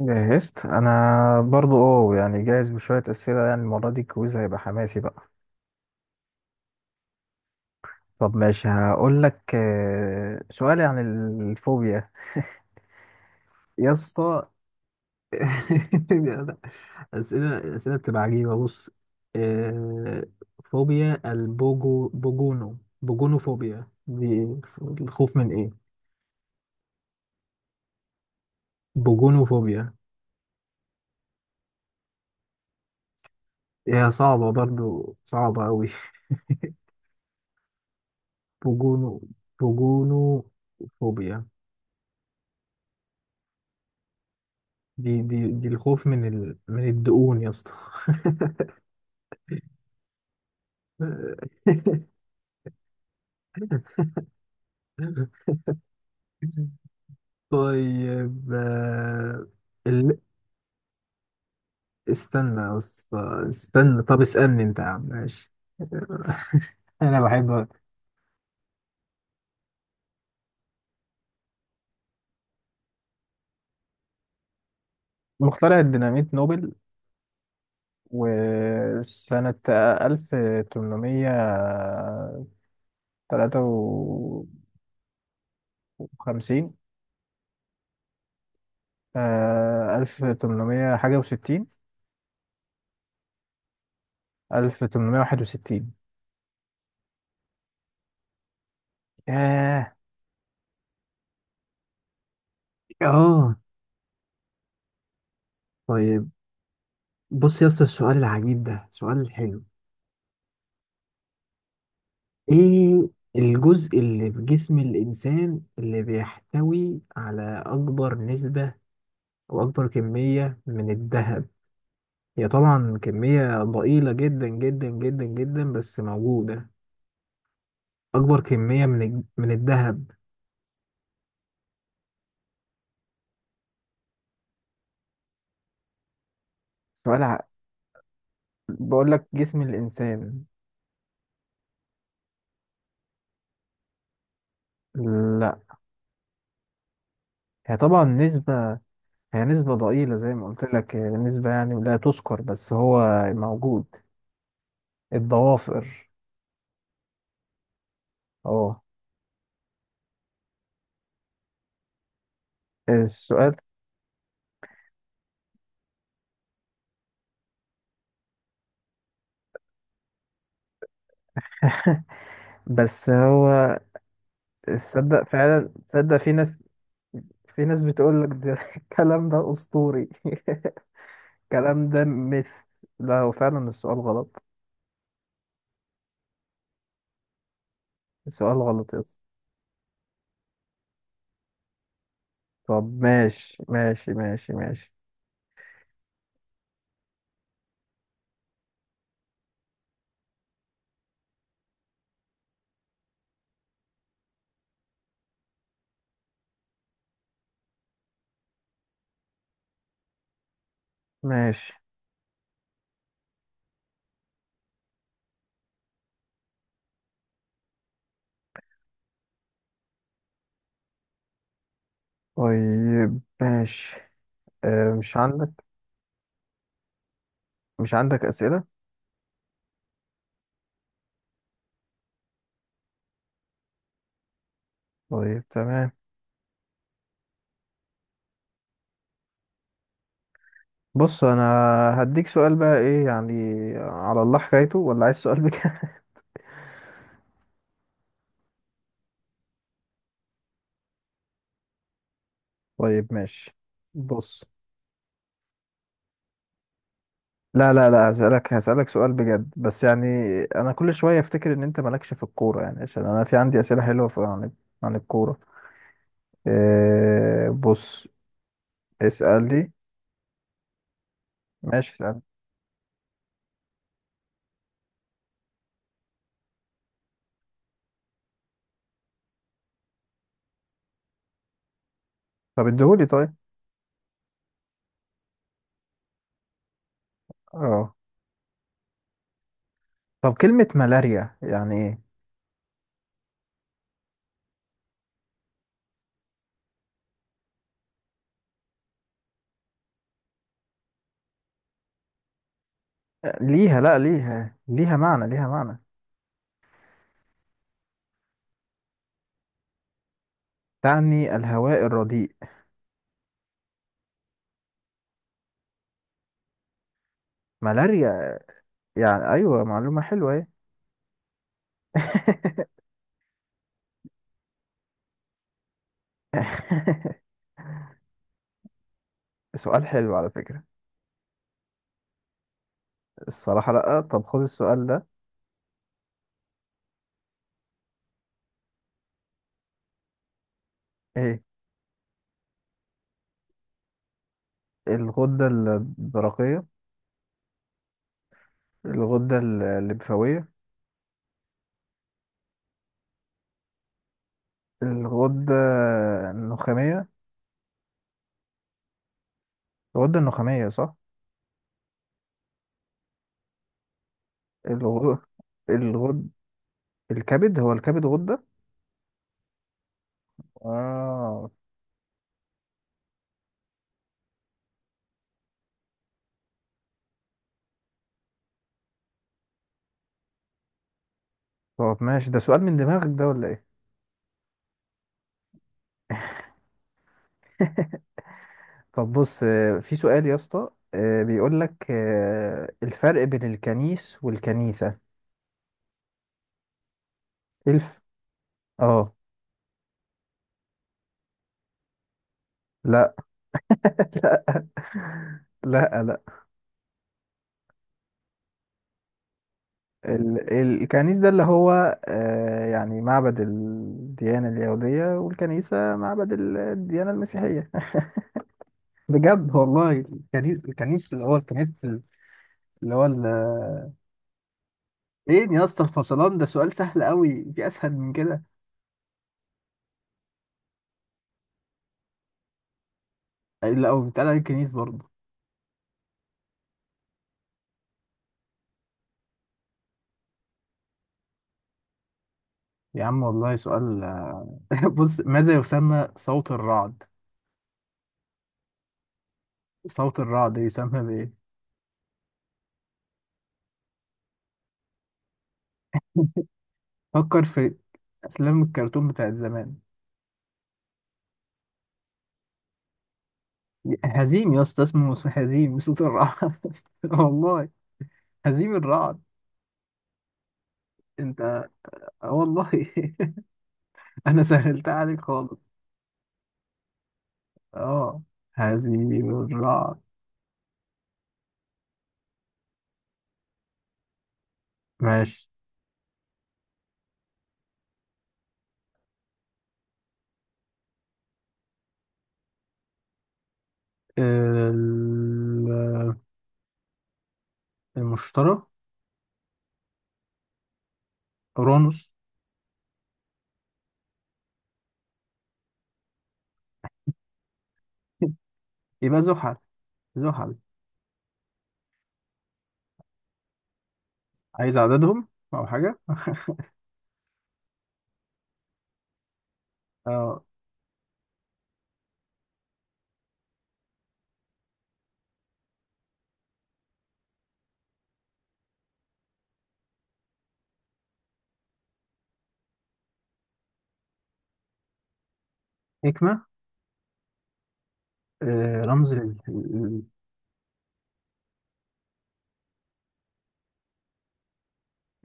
جهزت انا برضو يعني جاهز بشوية اسئلة، يعني المرة دي الكويز هيبقى حماسي بقى. طب ماشي، هقول لك، سؤالي عن الفوبيا يا اسطى. الاسئلة بتبقى عجيبة. بص، آه، فوبيا البوجو بوجونو بوجونوفوبيا دي، الخوف من ايه؟ بوجونوفوبيا. هي صعبة، برضو صعبة أوي. بوجونو بوجونوفوبيا، دي الخوف من الدقون يا اسطى. طيب، ال... استنى يا اسطى، استنى. طب اسألني انت يا عم، ماشي. انا بحب. مخترع الديناميت نوبل، وسنة 1853. 1800 حاجة و60. 1861. ياه. اه طيب. بص يا اسطى، السؤال العجيب ده سؤال حلو. ايه الجزء اللي في جسم الانسان اللي بيحتوي على اكبر نسبة او اكبر كمية من الذهب؟ هي طبعا كمية ضئيلة جدا جدا جدا جدا، بس موجودة. اكبر كمية من الذهب. سؤال ع... بقول لك جسم الانسان. لا، هي طبعا نسبة. هي نسبة ضئيلة زي ما قلت لك، هي نسبة يعني لا تذكر، بس هو موجود. الضوافر. اه السؤال، بس هو تصدق، فعلا تصدق، في ناس بتقول لك ده. الكلام ده أسطوري. الكلام ده مثل. لا، هو فعلا السؤال غلط. السؤال غلط، يس. طب ماشي ماشي ماشي ماشي ماشي. طيب ماشي. أه مش عندك مش عندك أسئلة؟ طيب تمام. بص أنا هديك سؤال بقى، إيه يعني، على الله حكايته ولا عايز سؤال بك؟ طيب ماشي. بص، لا لا لا، هسألك سؤال بجد، بس يعني، أنا كل شوية أفتكر إن أنت مالكش في الكورة، يعني عشان أنا في عندي أسئلة حلوة عن الكورة. إيه، بص، اسألني. ماشي اسألني. طب اديهولي طيب. اه طب كلمة ملاريا يعني إيه؟ لا، ليها معنى، ليها معنى، تعني الهواء الرديء. ملاريا، يعني أيوة معلومة حلوة، إيه. سؤال حلو على فكرة. الصراحة لأ. طب خد السؤال ده. إيه؟ الغدة الدرقية. الغدة الليمفاوية. الغدة النخامية. الغدة النخامية صح. الغدة الغد الكبد. هو الكبد غدة؟ اه. طب ماشي ده، سؤال من دماغك ده ولا ايه؟ طب بص، في سؤال يا اسطى، بيقول لك، الفرق بين الكنيس والكنيسة. الف اه لا. لا لا لا. الكنيس ده اللي هو، يعني معبد الديانة اليهودية، والكنيسة معبد الديانة المسيحية. بجد والله، الكنيس اللي هو الكنيس، اللي هو فين يا اسطى الفصلان ده؟ سؤال سهل قوي، في اسهل من كده؟ لا هو بيتقال عليه الكنيس برضه. يا عم والله سؤال. بص، ماذا يسمى صوت الرعد؟ صوت الرعد يسمى بايه؟ فكر في افلام الكرتون بتاعت زمان. هزيم يا اسطى، اسمه هزيم صوت الرعد. والله هزيم الرعد. انت؟ آه والله. انا سهلتها عليك خالص. اه هزيم الرعد. ماشي. ال- المشتري. اورانوس. يبقى زحل. زحل. عايز عددهم او حاجه؟ اه. نجمه. رمز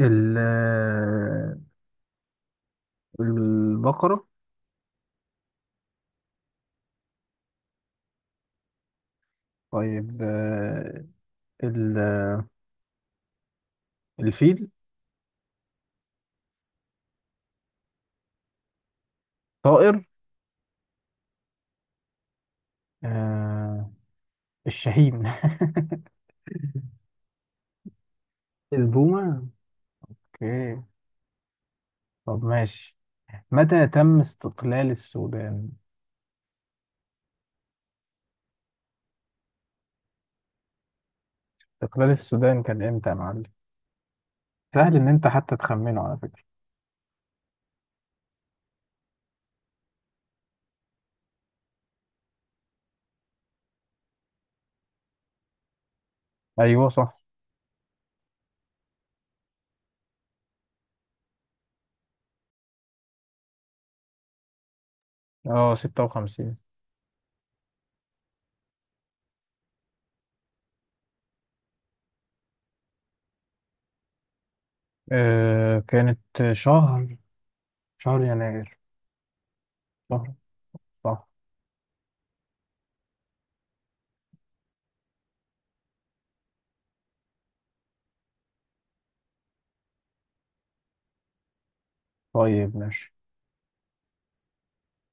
ال- آه، البقره. طيب، ال... الفيل. طائر؟ آه الشاهين. البومه. اوكي. طب ماشي. متى تم استقلال السودان؟ استقلال السودان كان امتى يا معلم؟ سهل ان انت حتى تخمنه على فكرة. ايوه صح. اه 56. كانت شهر، يناير. شهر، صح. طيب ماشي.